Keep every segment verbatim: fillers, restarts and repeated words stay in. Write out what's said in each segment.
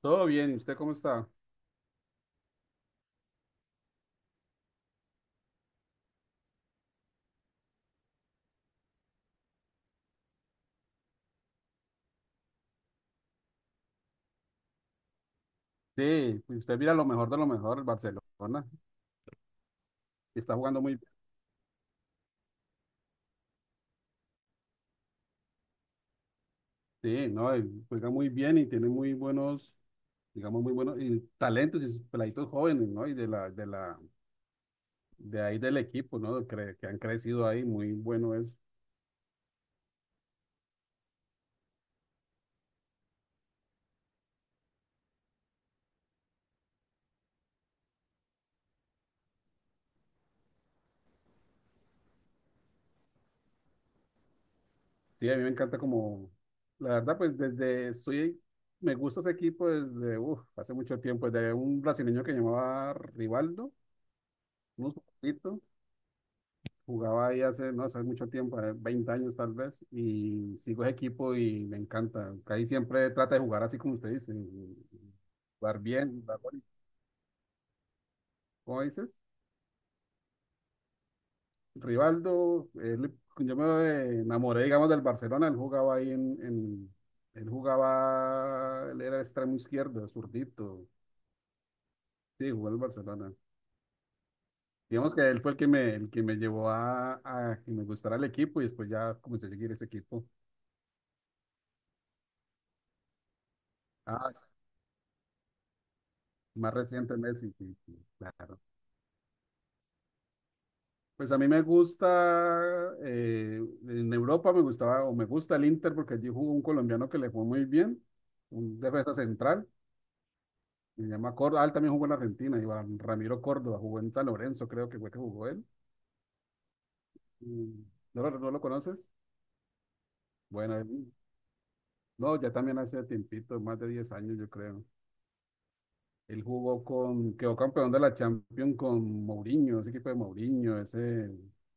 Todo bien, ¿y usted cómo está? Sí, pues usted mira lo mejor de lo mejor, el Barcelona, está jugando muy bien, sí, ¿no? Y Juega muy bien y tiene muy buenos, digamos, muy buenos y talentos y sus peladitos jóvenes, ¿no? Y de la, de la, de ahí del equipo, ¿no? Cre- que han crecido ahí, muy bueno es. Sí, a mí me encanta como, la verdad, pues desde, soy, me gusta ese equipo desde, uf, hace mucho tiempo, desde un brasileño que llamaba Rivaldo, unos jugaba ahí hace, no sé, mucho tiempo, eh, veinte años tal vez, y sigo ese equipo y me encanta. Ahí siempre trata de jugar así como usted dice, jugar bien, jugar bonito. ¿Cómo dices? Rivaldo, él- yo me enamoré, digamos, del Barcelona, él jugaba ahí en, en- él jugaba, él era extremo izquierdo, zurdito, sí, jugó en el Barcelona. Digamos que él fue el que me, el que me llevó a, a que me gustara el equipo y después ya comencé a seguir ese equipo. Ah, más reciente Messi, sí, sí, claro. Pues a mí me gusta, eh, en Europa me gustaba o me gusta el Inter porque allí jugó un colombiano que le fue muy bien, un defensa central, se llama Córdoba, ah, él también jugó en Argentina, Iván Ramiro Córdoba, jugó en San Lorenzo, creo que fue que jugó él. Y- ¿No lo, no lo conoces? Bueno, él- no, ya también hace tiempito, más de diez años yo creo. Él jugó con, quedó campeón de la Champions con Mourinho, ese equipo de Mourinho, ese,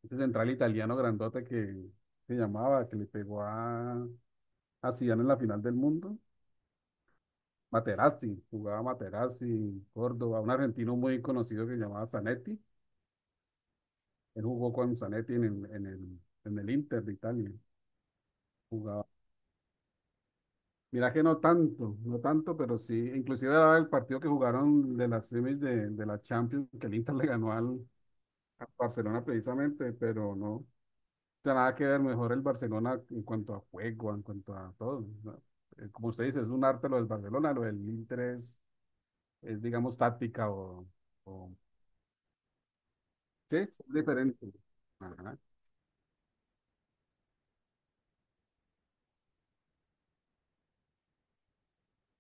ese central italiano grandote que se llamaba, que le pegó a... a Zidane en la final del mundo. Materazzi, jugaba Materazzi, Córdoba, un argentino muy conocido que se llamaba Zanetti. Él jugó con Zanetti en el, en el, en el Inter de Italia. Jugaba. Mira que no tanto, no tanto, pero sí. Inclusive era el partido que jugaron de las semis de, de la Champions, que el Inter le ganó al, al Barcelona precisamente, pero no tiene nada que ver, mejor el Barcelona en cuanto a juego, en cuanto a todo, ¿no? Eh, Como usted dice, es un arte lo del Barcelona, lo del Inter es, es, digamos, táctica, o, o sí, son diferentes. Ajá,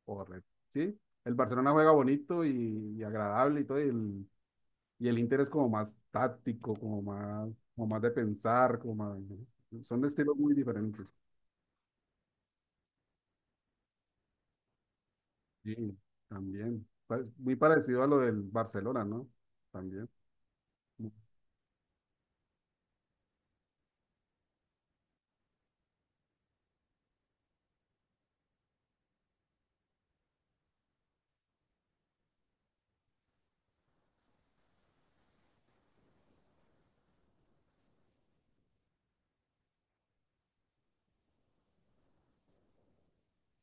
correcto. Sí, el Barcelona juega bonito y, y agradable y todo, y el, y el Inter es como más táctico, como más, como más de pensar, como más, ¿no? Son de estilos muy diferentes. Sí, también. Pa- Muy parecido a lo del Barcelona, ¿no? También.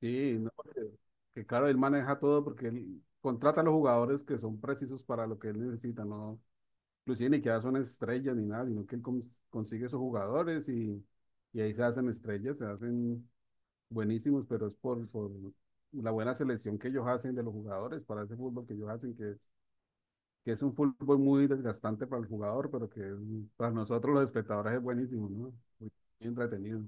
Sí, no, que claro, él maneja todo porque él contrata a los jugadores que son precisos para lo que él necesita, ¿no? Inclusive ni que ya son estrellas ni nada, sino que él cons- consigue esos jugadores y, y ahí se hacen estrellas, se hacen buenísimos, pero es por, por la buena selección que ellos hacen de los jugadores para ese fútbol que ellos hacen, que es, que es un fútbol muy desgastante para el jugador, pero que es- para nosotros los espectadores es buenísimo, ¿no? Muy entretenido.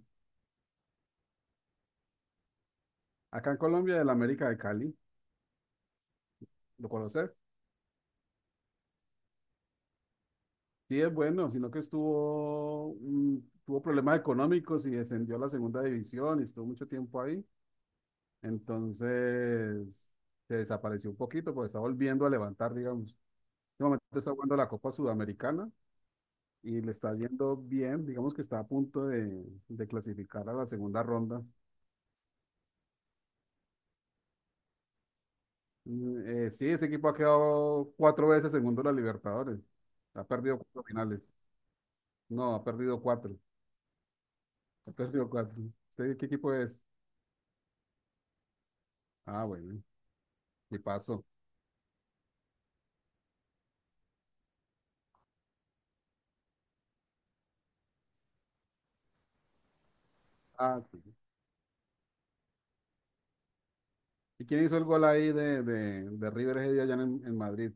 Acá en Colombia, el América de Cali, ¿lo conoces? Sí, es bueno, sino que estuvo, mm, tuvo problemas económicos y descendió a la segunda división y estuvo mucho tiempo ahí. Entonces se desapareció un poquito, pues está volviendo a levantar, digamos. En este momento está jugando la Copa Sudamericana y le está yendo bien, digamos que está a punto de, de clasificar a la segunda ronda. Mm, eh, sí, ese equipo ha quedado cuatro veces segundo en la Libertadores. Ha perdido cuatro finales. No, ha perdido cuatro. Ha perdido cuatro. ¿Usted qué equipo es? Ah, bueno, y pasó. Ah, sí. ¿Y quién hizo el gol ahí de, de, de River ese día allá en, en Madrid?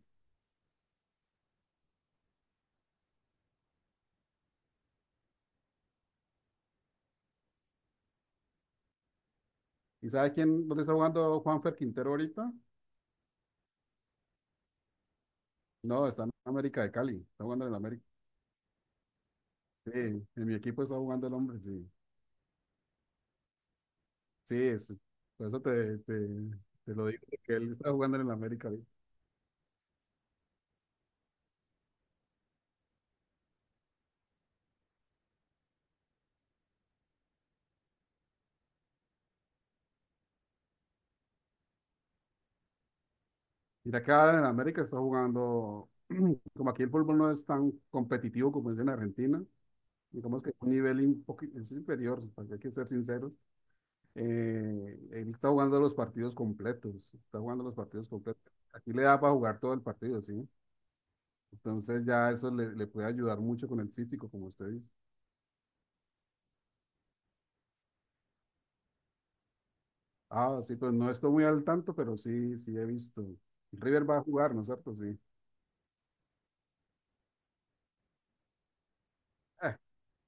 ¿Y sabes quién, dónde está jugando Juanfer Quintero ahorita? No, está en América de Cali, está jugando en el América. Sí, en mi equipo está jugando el hombre, sí. Sí, es, por eso te, te, te lo digo, que él está jugando en el América ahorita. Mira, acá en el América está jugando, como aquí el fútbol no es tan competitivo como es en Argentina, y como es que un nivel un poqui- es inferior, porque hay que ser sinceros. Eh, él está jugando los partidos completos, está jugando los partidos completos. Aquí le da para jugar todo el partido, ¿sí? Entonces ya eso le, le puede ayudar mucho con el físico, como usted dice. Ah, sí, pues no estoy muy al tanto, pero sí, sí he visto. River va a jugar, ¿no es cierto? Sí. Eh,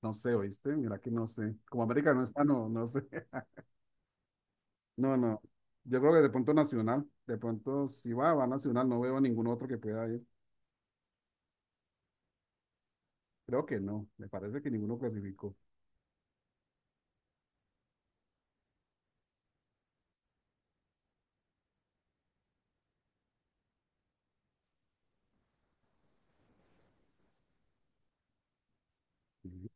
no sé, ¿oíste? Mira que no sé. Como América no está, no, no sé. No, no. Yo creo que de pronto Nacional, de pronto si va, va Nacional, no veo ningún otro que pueda ir. Creo que no, me parece que ninguno clasificó. Ujú.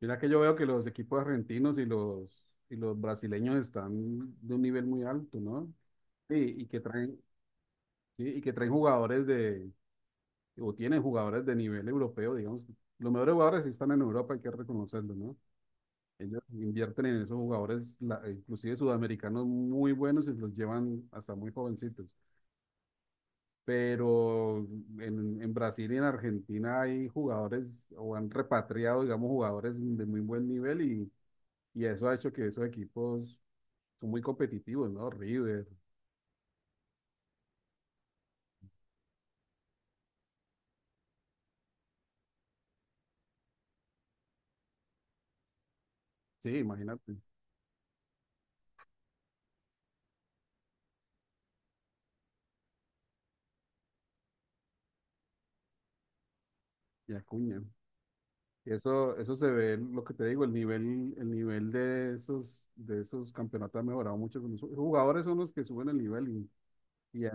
Mira que yo veo que los equipos argentinos y los, y los brasileños están de un nivel muy alto, ¿no? Sí, y que traen, sí, y que traen jugadores de, o tiene jugadores de nivel europeo, digamos. Los mejores jugadores sí están en Europa, hay que reconocerlo, ¿no? Ellos invierten en esos jugadores, la- inclusive sudamericanos muy buenos y los llevan hasta muy jovencitos. Pero en, en Brasil y en Argentina hay jugadores o han repatriado, digamos, jugadores de muy buen nivel y, y eso ha hecho que esos equipos son muy competitivos, ¿no? River, sí, imagínate, y Acuña. Y eso, eso se ve, lo que te digo, el nivel, el nivel de esos, de esos campeonatos ha mejorado mucho. Los jugadores son los que suben el nivel y, y ya,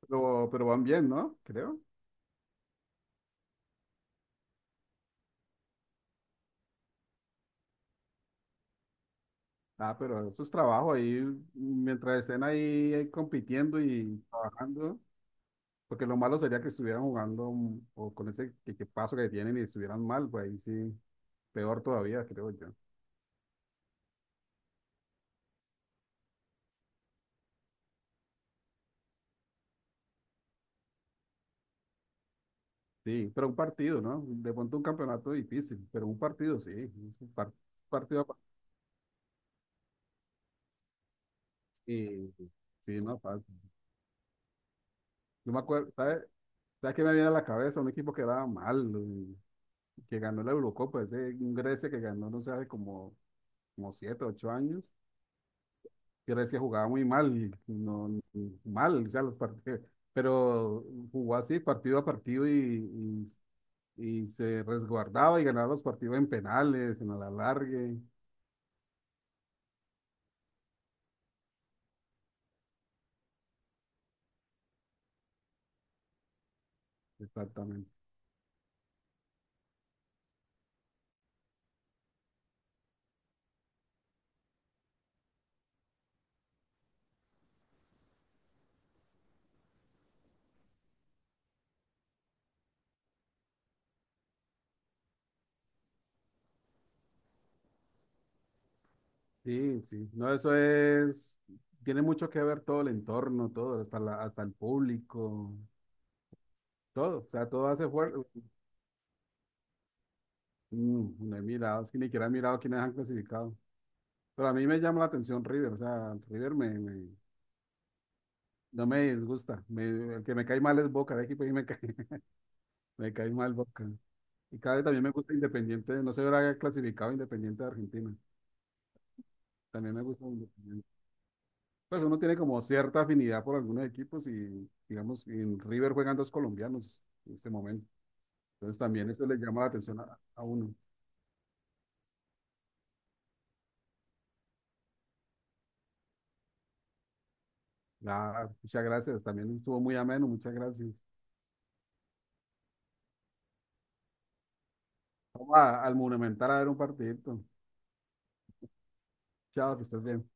pero, pero van bien, ¿no? Creo. Ah, pero eso es trabajo ahí, mientras estén ahí, ahí compitiendo y trabajando, porque lo malo sería que estuvieran jugando, mm, o con ese equipazo que tienen y estuvieran mal, pues ahí sí, peor todavía, creo yo. Sí, pero un partido, ¿no? De pronto un campeonato difícil, pero un partido sí, es un par- partido. Sí, sí, sí, no fácil. Yo me acuerdo, ¿sabes? ¿Sabes qué me viene a la cabeza? Un equipo que era mal, eh, que ganó la Eurocopa, ese un Grecia que ganó, no sé, hace como, como siete, ocho años. Grecia jugaba muy mal, y no, mal, o sea, los partidos, pero jugó así partido a partido y, y, y se resguardaba y ganaba los partidos en penales, en la largue exactamente. Sí, sí, no, eso es, tiene mucho que ver todo el entorno, todo, hasta la, hasta el público. Todo, o sea, todo hace fuerza. Mm, no he mirado, es que ni siquiera he mirado quiénes han clasificado. Pero a mí me llama la atención River, o sea, River me, me- no me disgusta. Me- el que me cae mal es Boca, el equipo ahí me cae, me cae mal Boca. Y cada vez también me gusta Independiente, no se habrá clasificado Independiente de Argentina. También me gusta Independiente. Pues uno tiene como cierta afinidad por algunos equipos y, digamos, en River juegan dos colombianos en este momento. Entonces también eso le llama la atención a, a uno. Nada, muchas gracias, también estuvo muy ameno, muchas gracias. Vamos a- al Monumental a ver un partidito. Chao, que estés bien.